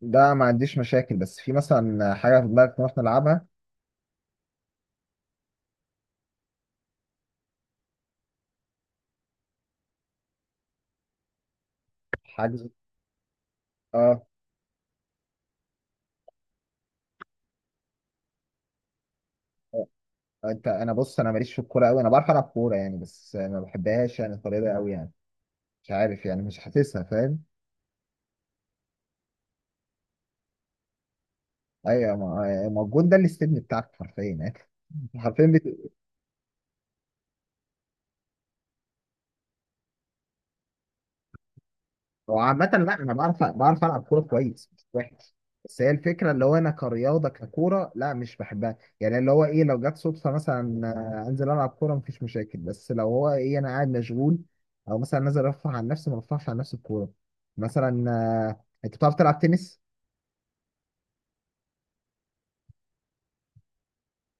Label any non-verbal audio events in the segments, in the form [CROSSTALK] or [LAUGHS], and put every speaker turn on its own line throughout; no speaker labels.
ده ما عنديش مشاكل، بس في مثلا حاجه في دماغك نروح نلعبها؟ حجز. اه انت انا بص، ماليش في الكوره قوي، انا بعرف العب كوره يعني، بس ما بحبهاش يعني الطريقه قوي يعني. مش عارف يعني، مش حاسسها، فاهم؟ ايوه، ما الجون ده اللي استبني بتاعك حرفيا يعني. [LAUGHS] حرفيا. هو عامة لا أنا بعرف ألعب كورة كويس، مش وحش. بس هي الفكرة، اللي هو أنا كرياضة ككورة لا مش بحبها يعني. اللي هو إيه، لو جت صدفة مثلا أنزل ألعب كورة مفيش مشاكل، بس لو هو إيه أنا قاعد مشغول، أو مثلا نازل أرفع عن نفسي، ما برفعش عن نفسي الكورة. مثلا أنت بتعرف تلعب تنس؟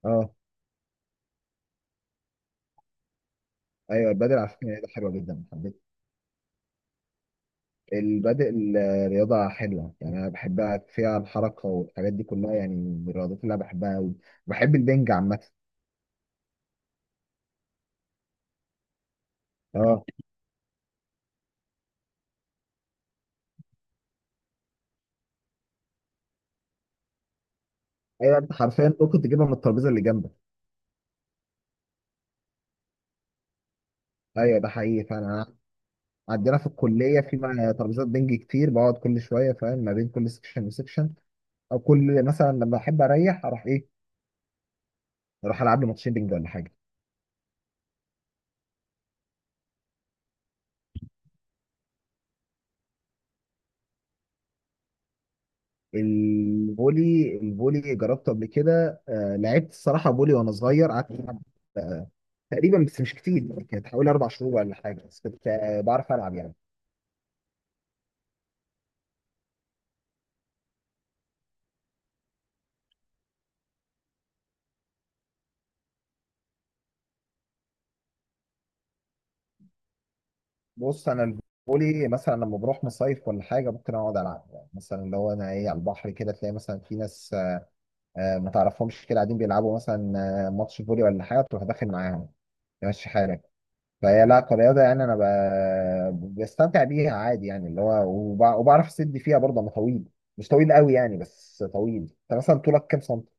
أه. أيوه، البادل على فكرة رياضة حلوة جدا، حبيت البادل. رياضة حلوة يعني، أنا بحبها، فيها الحركة والحاجات دي كلها، يعني من الرياضات اللي أنا بحبها أوي. بحب البنج عامة. أه. ايوه، انت حرفيا ممكن تجيبها من الترابيزه اللي جنبك. ايوه ده حقيقي. فانا عندنا في الكليه في ترابيزات بنج كتير، بقعد كل شويه فاهم ما بين كل سكشن وسكشن. او كل مثلا لما احب اريح، اروح ايه، اروح العب لي ماتشين بنج ولا حاجه. الفولي، الفولي جربته قبل كده، آه لعبت الصراحه فولي وانا صغير، قعدت العب آه تقريبا، بس مش كتير يعني، كانت حوالي 4 شهور ولا حاجه، بس كنت آه بعرف العب يعني. بص انا الفولي مثلا لما بروح مصيف ولا حاجه ممكن اقعد العب، يعني مثلا اللي هو انا ايه، على البحر كده تلاقي مثلا في ناس ما تعرفهمش، كده قاعدين بيلعبوا مثلا ماتش فولي ولا حاجه، تروح داخل معاهم، تمشي حالك. فهي لا كرياضه يعني انا بستمتع بيها عادي يعني، اللي هو وبعرف اسد فيها برضه، انا طويل، مش طويل قوي يعني، بس طويل. انت مثلا طولك كام سنتي؟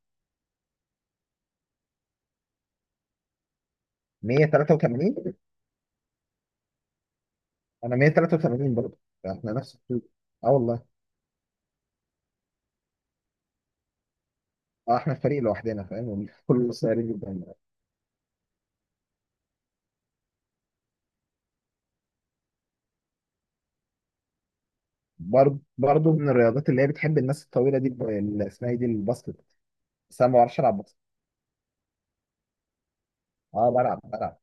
183. انا 183 برضه. احنا نفس الطول. اه والله. اه، احنا الفريق لوحدنا فاهم، كل صغيرين جدا. برضه من الرياضات اللي هي بتحب الناس الطويله دي اللي اسمها ايه دي، الباسكت، بس انا ما بعرفش العب باسكت. اه، بلعب.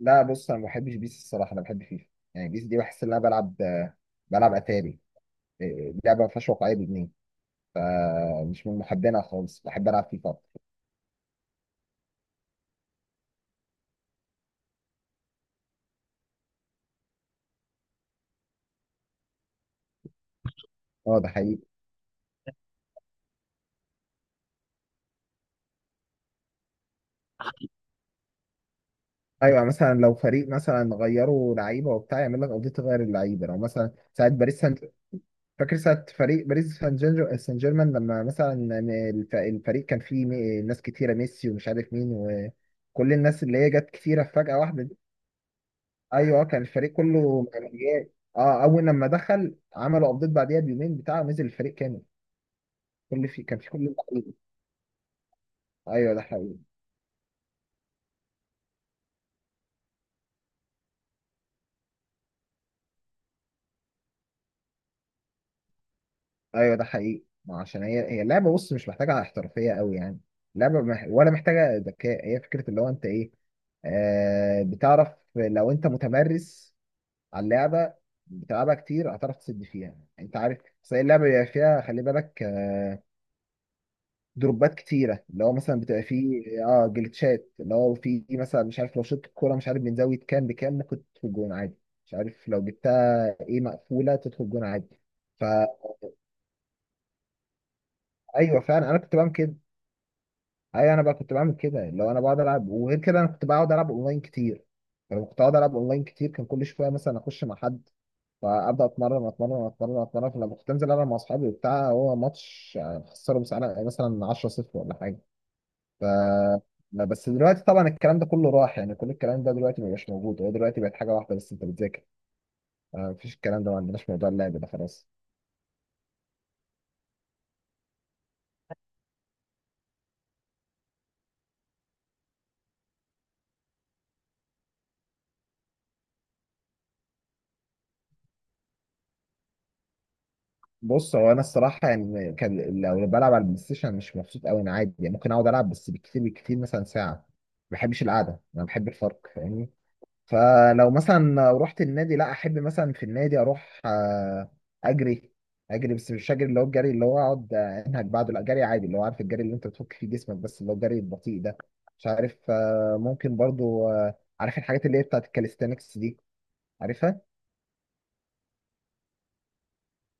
لا بص، انا ما بحبش بيس الصراحه، انا بحب فيفا. يعني بيس دي بحس ان انا بلعب، بلعب اتاري، لعبه ما فيهاش واقعيه بجنيه، فمش من محبينها خالص، بحب العب فيفا أكتر. اه ده حقيقي. ايوه، يعني مثلا لو فريق مثلا غيروا لعيبه وبتاع، يعمل لك قضيه تغير اللعيبه، لو مثلا ساعات باريس سان، فاكر ساعة فريق باريس سان جيرمان سان جيرمان لما مثلا الفريق كان فيه ناس كتيرة، ميسي ومش عارف مين، وكل الناس اللي هي جت كتيرة في فجأة واحدة دي. ايوه كان الفريق كله مجانيات، اه اول لما دخل عملوا ابديت، بعديها بيومين بتاعه نزل الفريق كامل. كل في كان في كل اللعيبة. ايوه ده حقيقي. ما عشان هي اللعبة، بص مش محتاجة احترافية قوي يعني، اللعبة ولا محتاجة ذكاء، هي فكرة اللي هو انت ايه، آه بتعرف، لو انت متمرس على اللعبه، بتلعبها كتير هتعرف تسد فيها يعني، انت عارف. بس هي اللعبه بيبقى فيها، خلي بالك دروبات كتيره، اللي هو مثلا بتبقى فيه اه جلitchات، اللي هو فيه مثلا مش عارف لو شطت الكوره مش عارف من زاويه كام بكام ممكن تدخل جون عادي، مش عارف لو جبتها ايه مقفوله تدخل جون عادي. فايوه فعلا انا كنت بعمل كده. ايوه انا بقى كنت بعمل كده، لو انا بقعد العب. وغير كده، انا كنت بقعد العب اونلاين كتير، فلما كنت بقعد العب اونلاين كتير كان كل شويه مثلا اخش مع حد، فابدا اتمرن. فلما كنت انزل العب مع اصحابي وبتاع، هو ماتش يعني خسره مساله مثلا 10-0 ولا حاجه. ف لا، بس دلوقتي طبعا الكلام ده كله راح يعني، كل الكلام ده دلوقتي مبقاش موجود، هو دلوقتي بقت حاجه واحده بس، انت بتذاكر، مفيش الكلام ده، ما عندناش موضوع اللعب ده خلاص. بص هو انا الصراحه يعني، كان لو بلعب على البلاي ستيشن مش مبسوط قوي، انا عادي يعني ممكن اقعد العب، بس بكتير بكتير مثلا ساعه، ما بحبش القعده، انا بحب الفرق فاهمني. فلو مثلا رحت النادي، لا احب مثلا في النادي اروح اجري، اجري بس مش اجري اللي هو الجري اللي هو اقعد انهج بعده، لا جري عادي اللي هو عارف، الجري اللي انت بتفك فيه جسمك، بس اللي هو الجري البطيء ده. مش عارف ممكن برضو عارف الحاجات اللي هي بتاعت الكاليستانكس دي، عارفها؟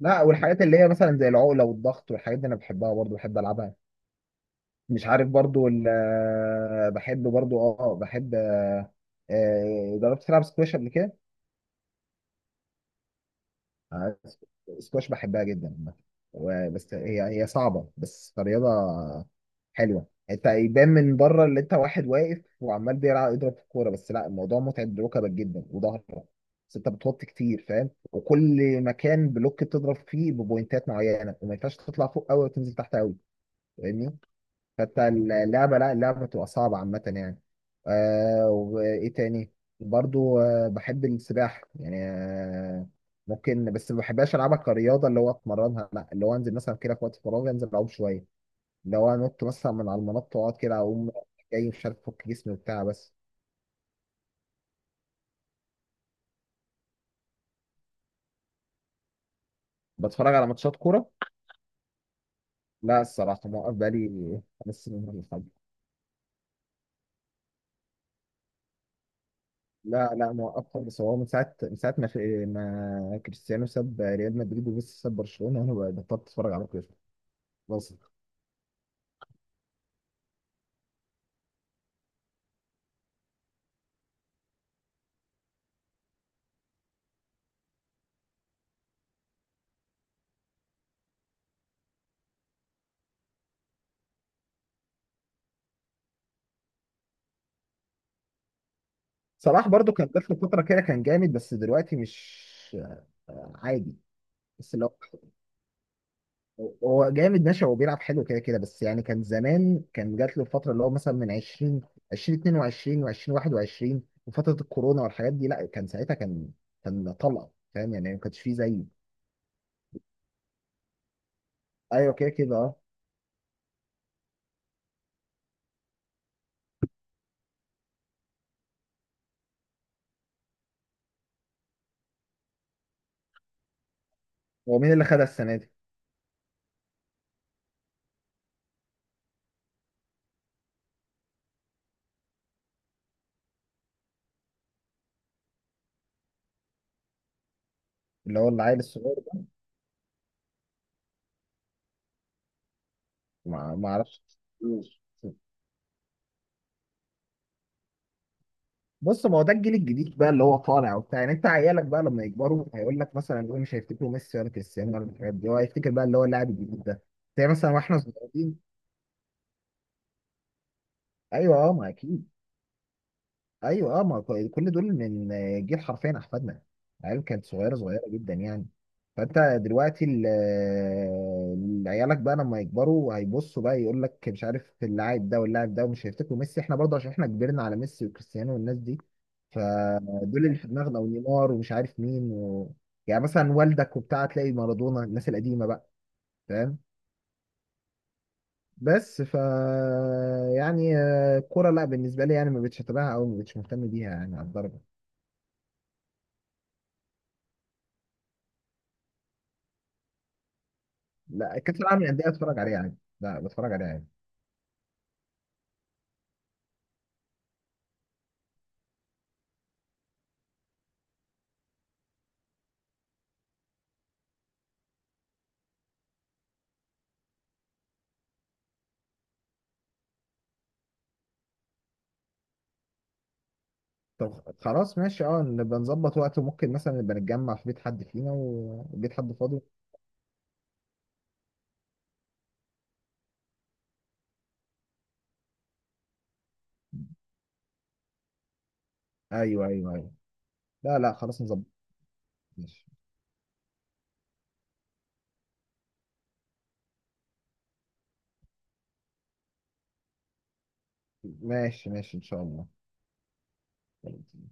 لا، والحاجات اللي هي مثلا زي العقله والضغط والحاجات دي انا بحبها برضو، بحب العبها. مش عارف برضو بحب برضو اه بحب جربت تلعب سكواش قبل كده؟ آه، سكواش بحبها جدا عامة. بس هي صعبة بس رياضة حلوة. انت يبان من بره اللي انت واحد واقف وعمال بيلعب يضرب في الكورة، بس لا الموضوع متعب ركبك جدا وظهرك، بس انت بتوطي كتير فاهم، وكل مكان بلوك تضرب فيه ببوينتات معينة، وما ينفعش تطلع فوق قوي وتنزل تحت قوي. فاهمني. حتى اللعبة لا، اللعبة بتبقى صعبة عامة يعني. آه، وإيه تاني، برضو آه بحب السباحة يعني، آه ممكن، بس ما بحبهاش ألعبها كرياضة اللي هو أتمرنها، لا اللي هو أنزل مثلا كده في وقت فراغي، أنزل أعوم شوية، اللي هو أنط مثلا من على المنط وأقعد كده أقوم، جاي مش عارف أفك جسمي وبتاع بس. بتفرج على ماتشات كورة؟ لا الصراحة موقف بقالي 5 سنين ولا حاجة. لا لا موقف، بس هو من ساعة ما كريستيانو ساب ريال مدريد وميسي ساب برشلونة، أنا بطلت أتفرج على كورة. بس صلاح برضو كان جات له فترة كده كان جامد، بس دلوقتي مش عادي. بس اللي هو هو جامد ماشي، هو بيلعب حلو كده كده، بس يعني كان زمان كان جات له الفترة اللي هو مثلا من 20 2022 و2021 وفترة الكورونا والحاجات دي، لا كان ساعتها كان كان طلقة فاهم يعني، ما كانش فيه زيه. ايوه كده كده اه. هو مين اللي خدها السنة دي؟ اللي هو العيل الصغير ده؟ ما ما اعرفش. بص ما هو ده الجيل الجديد بقى اللي هو طالع وبتاع يعني، انت عيالك بقى لما يكبروا هيقول لك مثلا، هو مش هيفتكروا ميسي ولا كريستيانو ولا الحاجات دي، هو هيفتكر بقى اللي هو اللاعب الجديد ده، زي مثلا واحنا صغيرين. ايوه اه ما اكيد. ايوه اه، ما كو- كل دول من جيل حرفيا احفادنا، العيال كانت صغيره جدا يعني. فانت دلوقتي عيالك بقى لما يكبروا هيبصوا بقى يقول لك مش عارف اللاعب ده واللاعب ده، ومش هيفتكروا ميسي، احنا برضه عشان احنا كبرنا على ميسي وكريستيانو والناس دي. فدول اللي في دماغنا، ونيمار ومش عارف مين و... يعني مثلا والدك وبتاع تلاقي مارادونا، الناس القديمه بقى، فاهم؟ بس يعني الكوره لا بالنسبه لي يعني ما بقتش اتابعها او ما بقتش مهتم بيها يعني على الدرجه. لا كاس العالم للانديه اتفرج عليه عادي. لا بتفرج عليه عادي. طب خلاص ماشي، اه نبقى نظبط وقت، وممكن مثلا نبقى نتجمع في بيت حد فينا، وبيت حد فاضي. ايوه ايوه ايوه. لا لا خلاص نظبط. ماشي ماشي ماشي ان شاء الله.